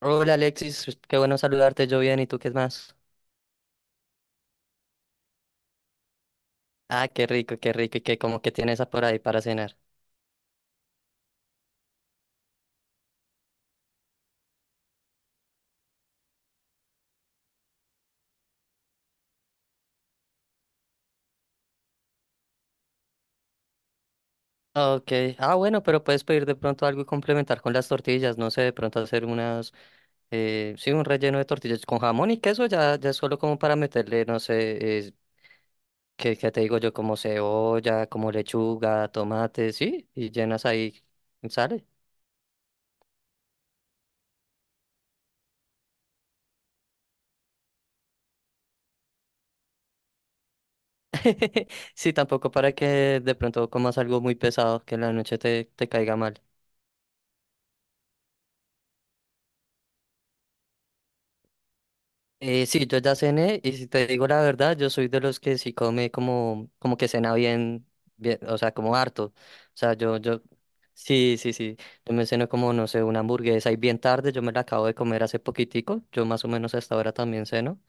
Hola Alexis, pues, qué bueno saludarte, yo bien, ¿y tú qué más? Ah, qué rico, y qué como que tienes por ahí para cenar. Ah, Ok, ah bueno, pero puedes pedir de pronto algo y complementar con las tortillas, no sé, de pronto hacer unas, sí, un relleno de tortillas con jamón y queso, ya, ya es solo como para meterle, no sé, ¿qué te digo yo? Como cebolla, como lechuga, tomate, sí, y llenas ahí, sale. Sí, tampoco para que de pronto comas algo muy pesado, que en la noche te caiga mal. Sí, yo ya cené y si te digo la verdad, yo soy de los que sí come como que cena bien, bien, o sea, como harto. O sea, sí, sí, sí, yo me ceno como, no sé, una hamburguesa y bien tarde, yo me la acabo de comer hace poquitico, yo más o menos hasta ahora también ceno.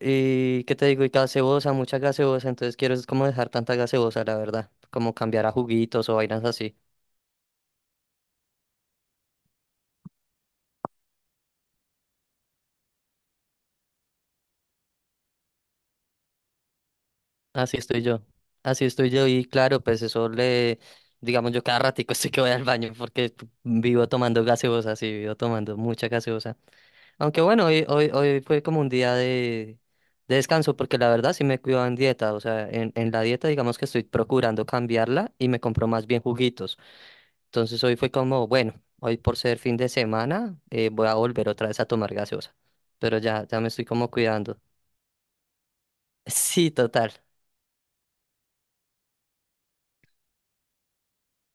Y, ¿qué te digo? Y gaseosa, mucha gaseosa, entonces quiero es como dejar tanta gaseosa, la verdad, como cambiar a juguitos o vainas así. Así estoy yo. Así estoy yo y claro, pues eso le, digamos yo cada ratico estoy que voy al baño porque vivo tomando gaseosa, sí, vivo tomando mucha gaseosa. Aunque bueno, hoy, hoy, hoy fue como un día de, descanso porque la verdad sí me cuido en dieta, o sea, en la dieta digamos que estoy procurando cambiarla y me compro más bien juguitos. Entonces hoy fue como, bueno, hoy por ser fin de semana voy a volver otra vez a tomar gaseosa, pero ya, ya me estoy como cuidando. Sí, total.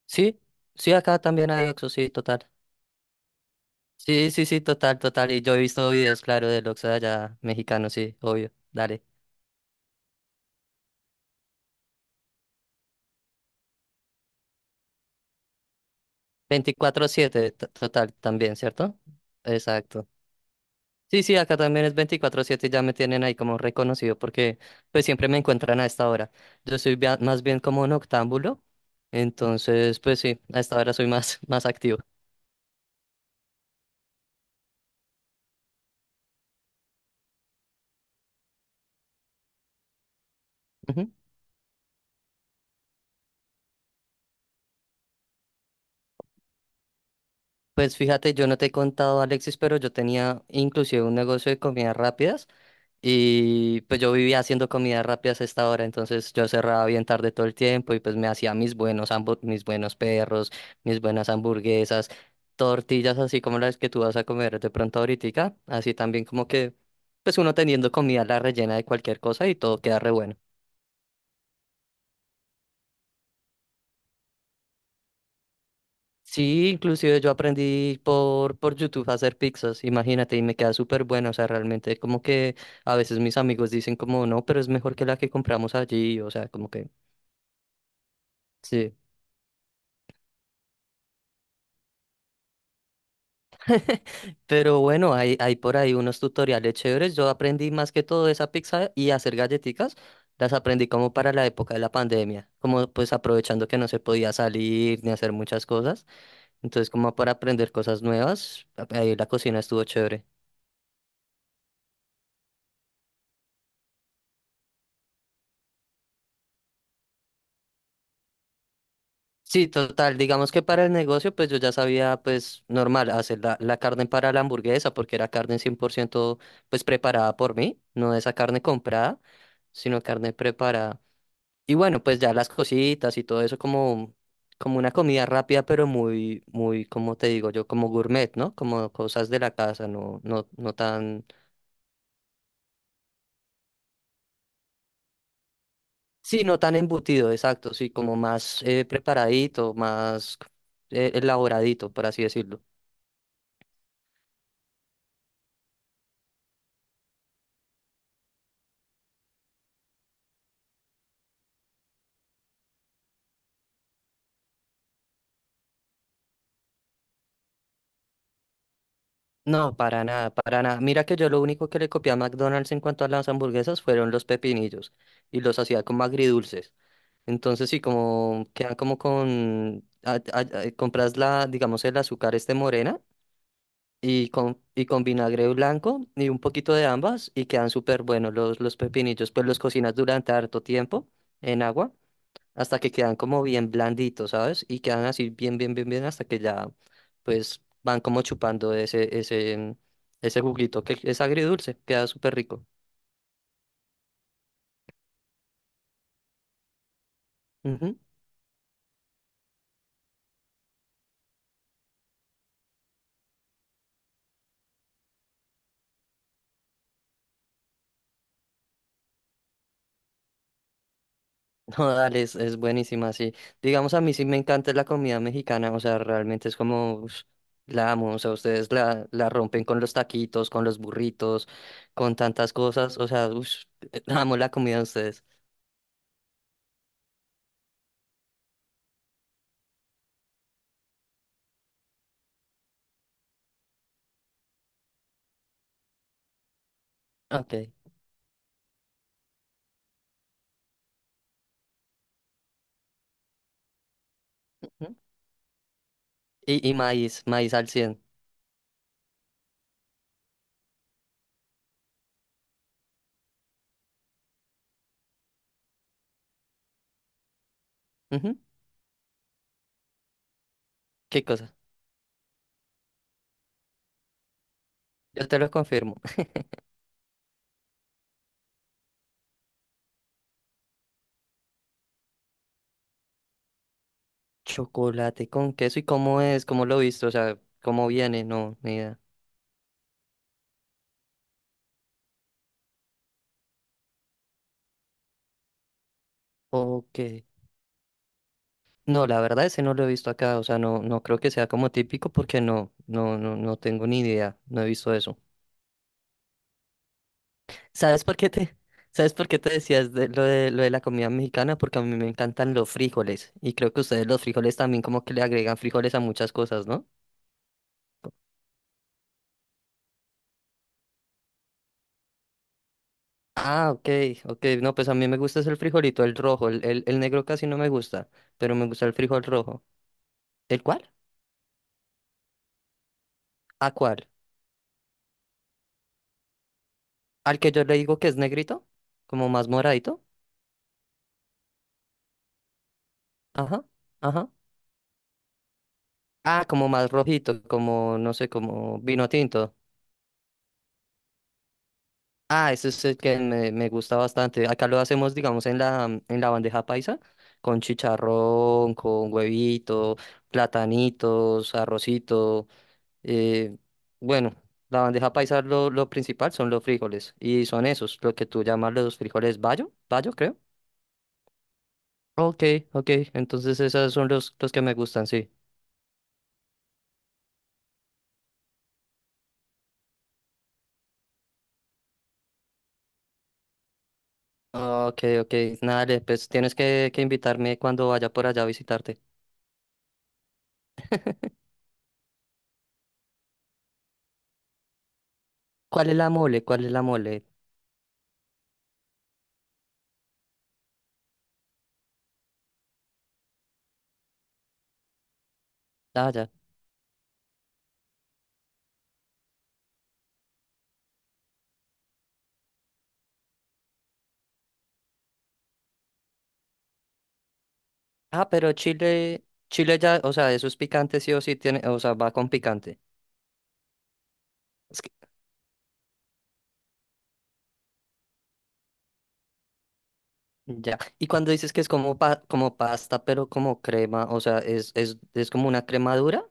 Sí, sí, acá también hay Oxxo, sí, total. Sí, sí, sí, total, total. Y yo he visto videos, claro, del Oxxo de allá mexicano, sí, obvio. Dale. 24/7 total, también, ¿cierto? Exacto. Sí, sí, acá también es 24/7 y ya me tienen ahí como reconocido porque pues siempre me encuentran a esta hora. Yo soy más bien como un octámbulo, entonces pues sí, a esta hora soy más, más activo. Ujú. Pues fíjate, yo no te he contado, Alexis, pero yo tenía inclusive un negocio de comidas rápidas. Y pues yo vivía haciendo comidas rápidas a esta hora, entonces yo cerraba bien tarde todo el tiempo y pues me hacía mis buenos perros, mis buenas hamburguesas, tortillas así como las que tú vas a comer de pronto ahorita, así también como que pues uno teniendo comida la rellena de cualquier cosa y todo queda re bueno. Sí, inclusive yo aprendí por YouTube a hacer pizzas, imagínate, y me queda súper bueno, o sea, realmente como que a veces mis amigos dicen como no, pero es mejor que la que compramos allí, o sea, como que sí. Pero bueno, hay por ahí unos tutoriales chéveres. Yo aprendí más que todo esa pizza y hacer galletitas. Las aprendí como para la época de la pandemia, como pues aprovechando que no se podía salir ni hacer muchas cosas. Entonces, como para aprender cosas nuevas, ahí la cocina estuvo chévere. Sí, total, digamos que para el negocio, pues yo ya sabía, pues normal, hacer la, carne para la hamburguesa, porque era carne 100% pues preparada por mí, no esa carne comprada, sino carne preparada. Y bueno, pues ya las cositas y todo eso como una comida rápida, pero muy, muy, como te digo yo, como gourmet, ¿no? Como cosas de la casa, no, no, no tan, sí, no tan embutido, exacto, sí, como más preparadito, más elaboradito, por así decirlo. No, para nada, para nada. Mira que yo lo único que le copié a McDonald's en cuanto a las hamburguesas fueron los pepinillos y los hacía como agridulces. Entonces sí, como quedan como con, compras la, digamos, el azúcar este morena y con, vinagre blanco y un poquito de ambas y quedan súper buenos los pepinillos. Pues los cocinas durante harto tiempo en agua hasta que quedan como bien blanditos, ¿sabes? Y quedan así bien, bien, bien, bien hasta que ya pues van como chupando ese, ese juguito que es agridulce, queda súper rico. No, dale, es buenísima, sí. Digamos, a mí sí me encanta la comida mexicana, o sea, realmente es como, ush, la amo, o sea, ustedes la rompen con los taquitos, con los burritos, con tantas cosas, o sea, ush, amo la comida de ustedes. Ok. Ujú. Y maíz, maíz al cien. Ujú. ¿Qué cosa? Yo te lo confirmo. Chocolate con queso, ¿y cómo es? ¿Cómo lo viste? O sea, ¿cómo viene? No, ni idea. Ok. No, la verdad ese no lo he visto acá, o sea, no, no creo que sea como típico porque no, no, no, no tengo ni idea, no he visto eso. ¿Sabes por qué te, sabes por qué te decías de lo de, la comida mexicana? Porque a mí me encantan los frijoles y creo que ustedes los frijoles también como que le agregan frijoles a muchas cosas, ¿no? Ah, ok, ok, no, pues a mí me gusta es el frijolito, el rojo, el negro casi no me gusta, pero me gusta el frijol rojo. ¿El cuál? ¿A cuál? ¿Al que yo le digo que es negrito? ¿Como más moradito? Ajá, ajá. Ah, como más rojito, como, no sé, como vino tinto. Ah, ese es el que me, gusta bastante. Acá lo hacemos, digamos, en la bandeja paisa, con chicharrón, con huevito, platanitos, arrocito. eh, bueno, la bandeja paisa lo, principal son los frijoles, y son esos, lo que tú llamas los frijoles bayo, bayo, creo. Ok, ok, entonces esos son los, que me gustan, sí. Ok, ok, nada, pues tienes que invitarme cuando vaya por allá a visitarte. ¿Cuál es la mole? ¿Cuál es la mole? Ah, ya. Ah, pero Chile, Chile ya, o sea, eso es picante sí o sí tiene, o sea, va con picante. Es que, ya. Y cuando dices que es como como pasta, pero como crema, o sea, es como una cremadura.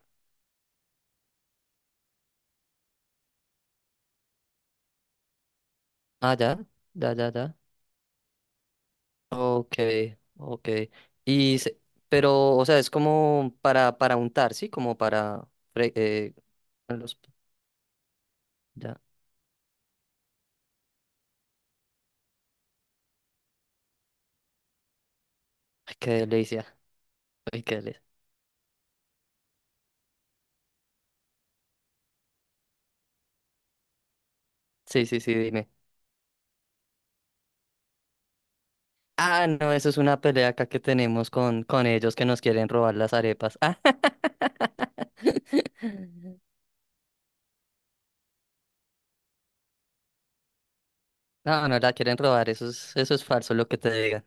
Ah, ya, ya, ya, ya. Ok, ok. Y se- pero, o sea, es como para, untar, ¿sí? Como para fre- eh, los, ya. Ay, qué delicia. Ay, qué delicia. Sí, sí, sí, dime. Ah, no, eso es una pelea acá que tenemos con ellos que nos quieren robar las arepas. Ah. No, no la quieren robar, eso es falso lo que te digan.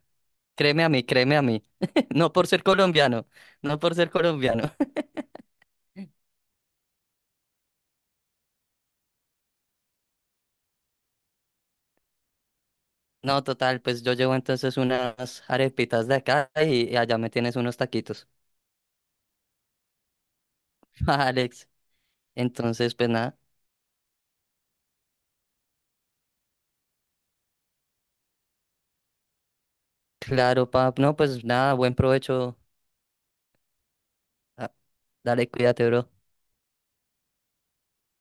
Créeme a mí, créeme a mí. No por ser colombiano, no por ser colombiano. No, total, pues yo llevo entonces unas arepitas de acá y, allá me tienes unos taquitos. Alex, entonces pues nada, claro, pap, no, pues nada, buen provecho. Ah, Dale, cuídate, bro.